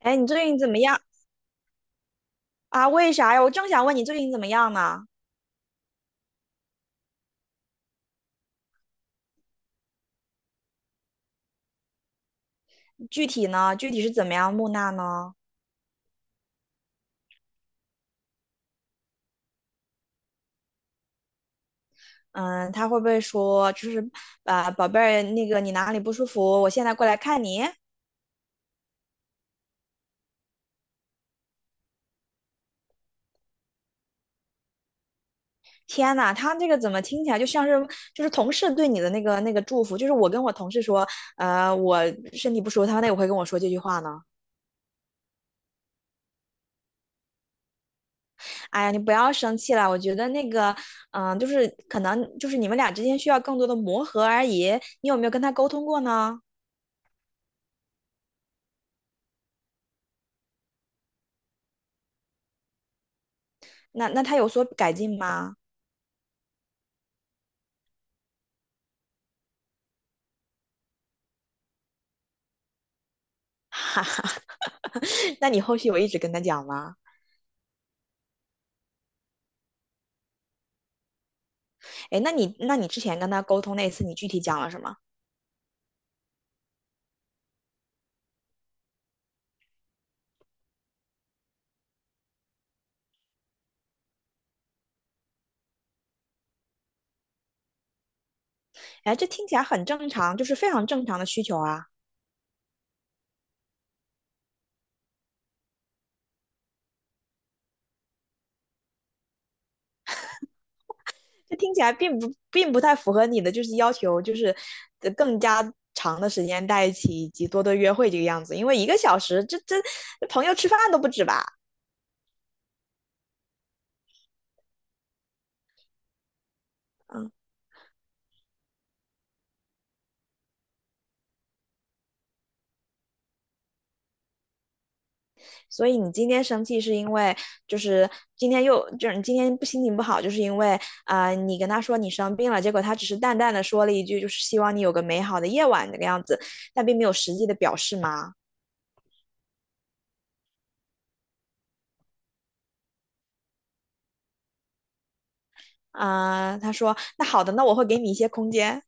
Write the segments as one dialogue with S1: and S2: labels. S1: 哎，你最近怎么样啊？为啥呀？我正想问你最近怎么样呢？具体呢？具体是怎么样木讷呢？嗯，他会不会说就是，啊，宝贝儿，那个你哪里不舒服？我现在过来看你。天呐，他这个怎么听起来就像是就是同事对你的那个祝福？就是我跟我同事说，我身体不舒服，他那也会跟我说这句话呢。哎呀，你不要生气了，我觉得那个，嗯、就是可能就是你们俩之间需要更多的磨合而已。你有没有跟他沟通过呢？那他有所改进吗？哈哈，那你后续有一直跟他讲吗？哎，那你之前跟他沟通那次，你具体讲了什么？哎，这听起来很正常，就是非常正常的需求啊。这听起来并不太符合你的就是要求，就是呃更加长的时间在一起以及多多约会这个样子。因为一个小时，这这朋友吃饭都不止吧？嗯。所以你今天生气是因为就是今天又就是你今天不心情不好，就是因为啊、呃你跟他说你生病了，结果他只是淡淡的说了一句，就是希望你有个美好的夜晚那个样子，但并没有实际的表示吗？啊、呃他说那好的，那我会给你一些空间。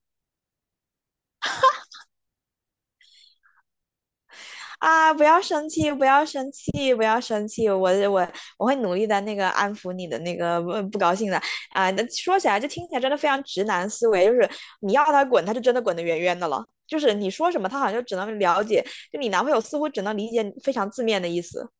S1: 啊，不要生气，不要生气，不要生气，我我会努力的，那个安抚你的那个不高兴的啊。那说起来，就听起来真的非常直男思维，就是你要他滚，他就真的滚得远远的了。就是你说什么，他好像就只能了解，就你男朋友似乎只能理解非常字面的意思。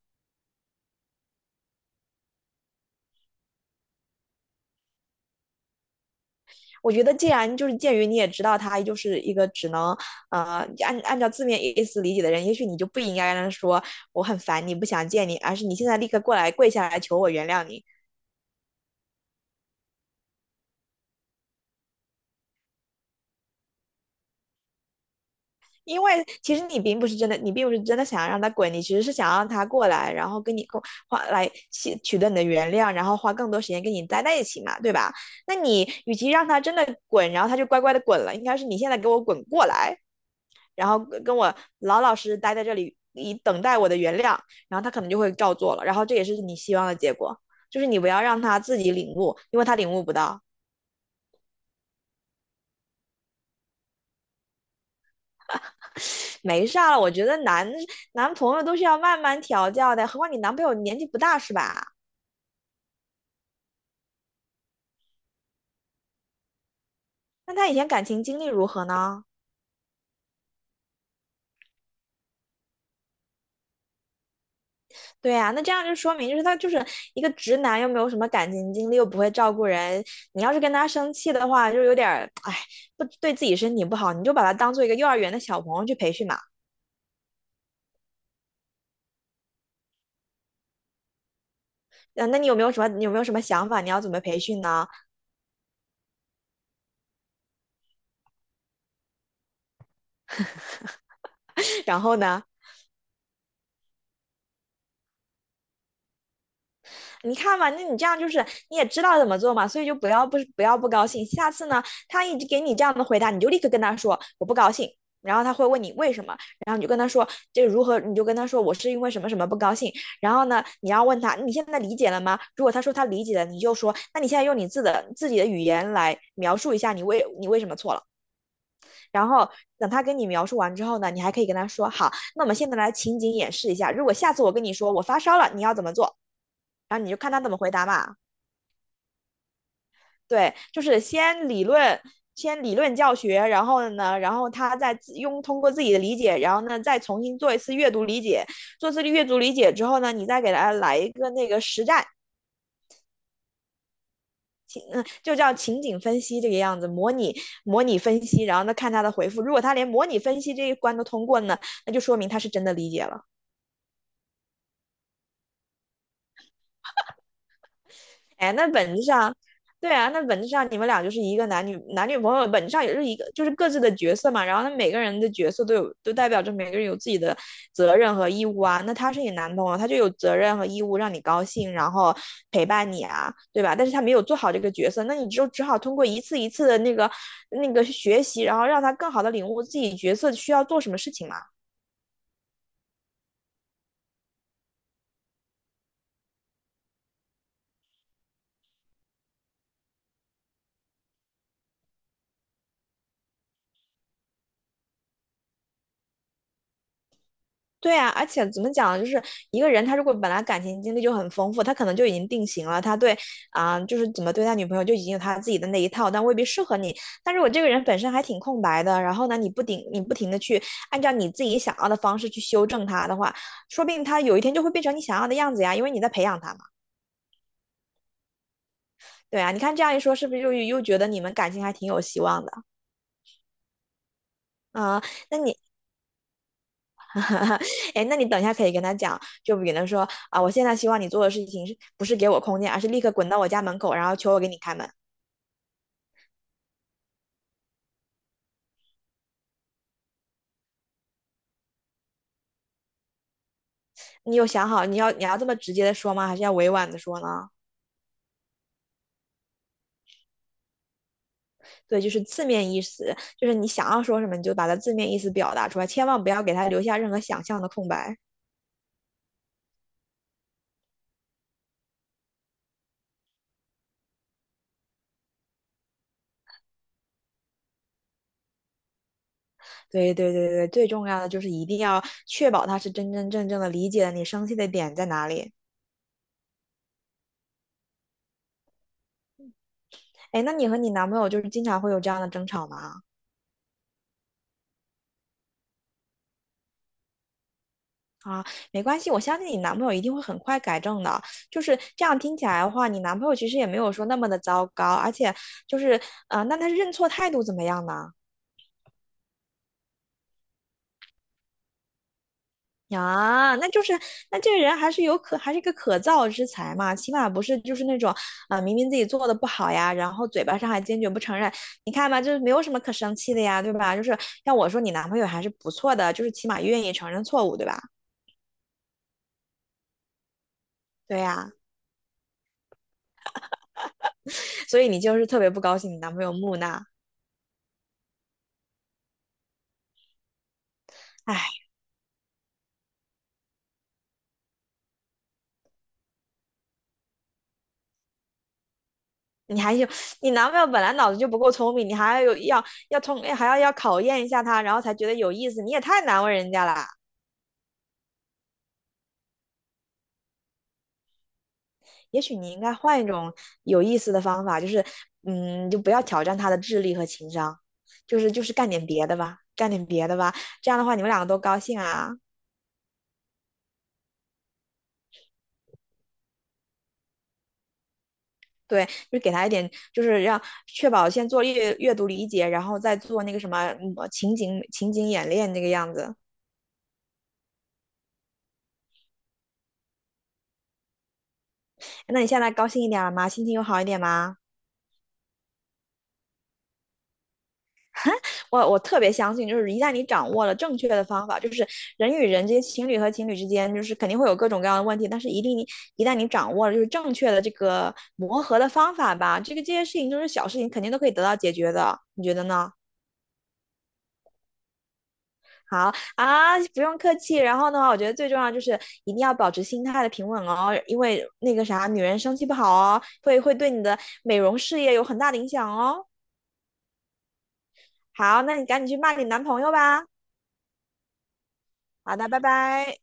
S1: 我觉得既然就是鉴于你也知道他就是一个只能呃按照字面意思理解的人，也许你就不应该让他说我很烦你不想见你，而是你现在立刻过来跪下来求我原谅你。因为其实你并不是真的，你并不是真的想让他滚，你其实是想让他过来，然后跟你共花来取得你的原谅，然后花更多时间跟你待在一起嘛，对吧？那你与其让他真的滚，然后他就乖乖的滚了，应该是你现在给我滚过来，然后跟我老老实实待在这里，以等待我的原谅，然后他可能就会照做了，然后这也是你希望的结果。就是你不要让他自己领悟，因为他领悟不到，没事了。我觉得男朋友都是要慢慢调教的，何况你男朋友年纪不大是吧？那他以前感情经历如何呢？对呀、那这样就说明，就是他就是一个直男，又没有什么感情经历，又不会照顾人。你要是跟他生气的话，就有点儿，哎，不对自己身体不好，你就把他当做一个幼儿园的小朋友去培训嘛。嗯，那你有没有什么，你有没有什么想法？你要怎么培训呢？然后呢？你看嘛，那你这样就是你也知道怎么做嘛，所以就不要不不要不高兴。下次呢，他一直给你这样的回答，你就立刻跟他说我不高兴。然后他会问你为什么，然后你就跟他说这如何，你就跟他说我是因为什么什么不高兴。然后呢，你要问他你现在理解了吗？如果他说他理解了，你就说那你现在用你自的自己的语言来描述一下你为什么错了。然后等他跟你描述完之后呢，你还可以跟他说，好，那我们现在来情景演示一下，如果下次我跟你说我发烧了，你要怎么做？然后你就看他怎么回答嘛。对，就是先理论，先理论教学，然后呢，然后他再自用通过自己的理解，然后呢，再重新做一次阅读理解，做次阅读理解之后呢，你再给他来一个那个实战，就叫情景分析这个样子，模拟分析，然后呢看他的回复，如果他连模拟分析这一关都通过呢，那就说明他是真的理解了。哎，那本质上，对啊，那本质上你们俩就是一个男女朋友，本质上也是一个，就是各自的角色嘛。然后那每个人的角色都有，都代表着每个人有自己的责任和义务啊。那他是你男朋友，他就有责任和义务让你高兴，然后陪伴你啊，对吧？但是他没有做好这个角色，那你就只好通过一次一次的那个学习，然后让他更好的领悟自己角色需要做什么事情嘛。对啊，而且怎么讲呢，就是一个人他如果本来感情经历就很丰富，他可能就已经定型了，他对啊、就是怎么对待女朋友就已经有他自己的那一套，但未必适合你。但如果这个人本身还挺空白的，然后呢，你不停的去按照你自己想要的方式去修正他的话，说不定他有一天就会变成你想要的样子呀，因为你在培养他嘛。对啊，你看这样一说，是不是又觉得你们感情还挺有希望的啊、那你 哎，那你等一下可以跟他讲，就比如说啊，我现在希望你做的事情是不是给我空间，而是立刻滚到我家门口，然后求我给你开门。你有想好你要这么直接的说吗？还是要委婉的说呢？对，就是字面意思，就是你想要说什么，你就把它字面意思表达出来，千万不要给他留下任何想象的空白。对对对对，最重要的就是一定要确保他是真真正正的理解了你生气的点在哪里。哎，那你和你男朋友就是经常会有这样的争吵吗？啊，没关系，我相信你男朋友一定会很快改正的。就是这样听起来的话，你男朋友其实也没有说那么的糟糕，而且就是，啊，那他认错态度怎么样呢？啊，那就是，那这个人还是有可，还是一个可造之才嘛，起码不是就是那种，啊、明明自己做的不好呀，然后嘴巴上还坚决不承认。你看吧，就是没有什么可生气的呀，对吧？就是要我说，你男朋友还是不错的，就是起码愿意承认错误，对吧？对呀，所以你就是特别不高兴你男朋友木讷。唉你还有你男朋友本来脑子就不够聪明，你还要有要通还要要考验一下他，然后才觉得有意思，你也太难为人家了。也许你应该换一种有意思的方法，就是嗯，就不要挑战他的智力和情商，就是干点别的吧，干点别的吧，这样的话你们两个都高兴啊。对，就给他一点，就是让确保先做阅读理解，然后再做那个什么嗯情景演练这个样子。那你现在高兴一点了吗？心情有好一点吗？我特别相信，就是一旦你掌握了正确的方法，就是人与人之间、情侣和情侣之间，就是肯定会有各种各样的问题，但是一定你一旦你掌握了就是正确的这个磨合的方法吧，这个这些事情都是小事情，肯定都可以得到解决的，你觉得呢？好啊，不用客气。然后的话，我觉得最重要就是一定要保持心态的平稳哦，因为那个啥，女人生气不好哦，会对你的美容事业有很大的影响哦。好，那你赶紧去骂你男朋友吧。好的，拜拜。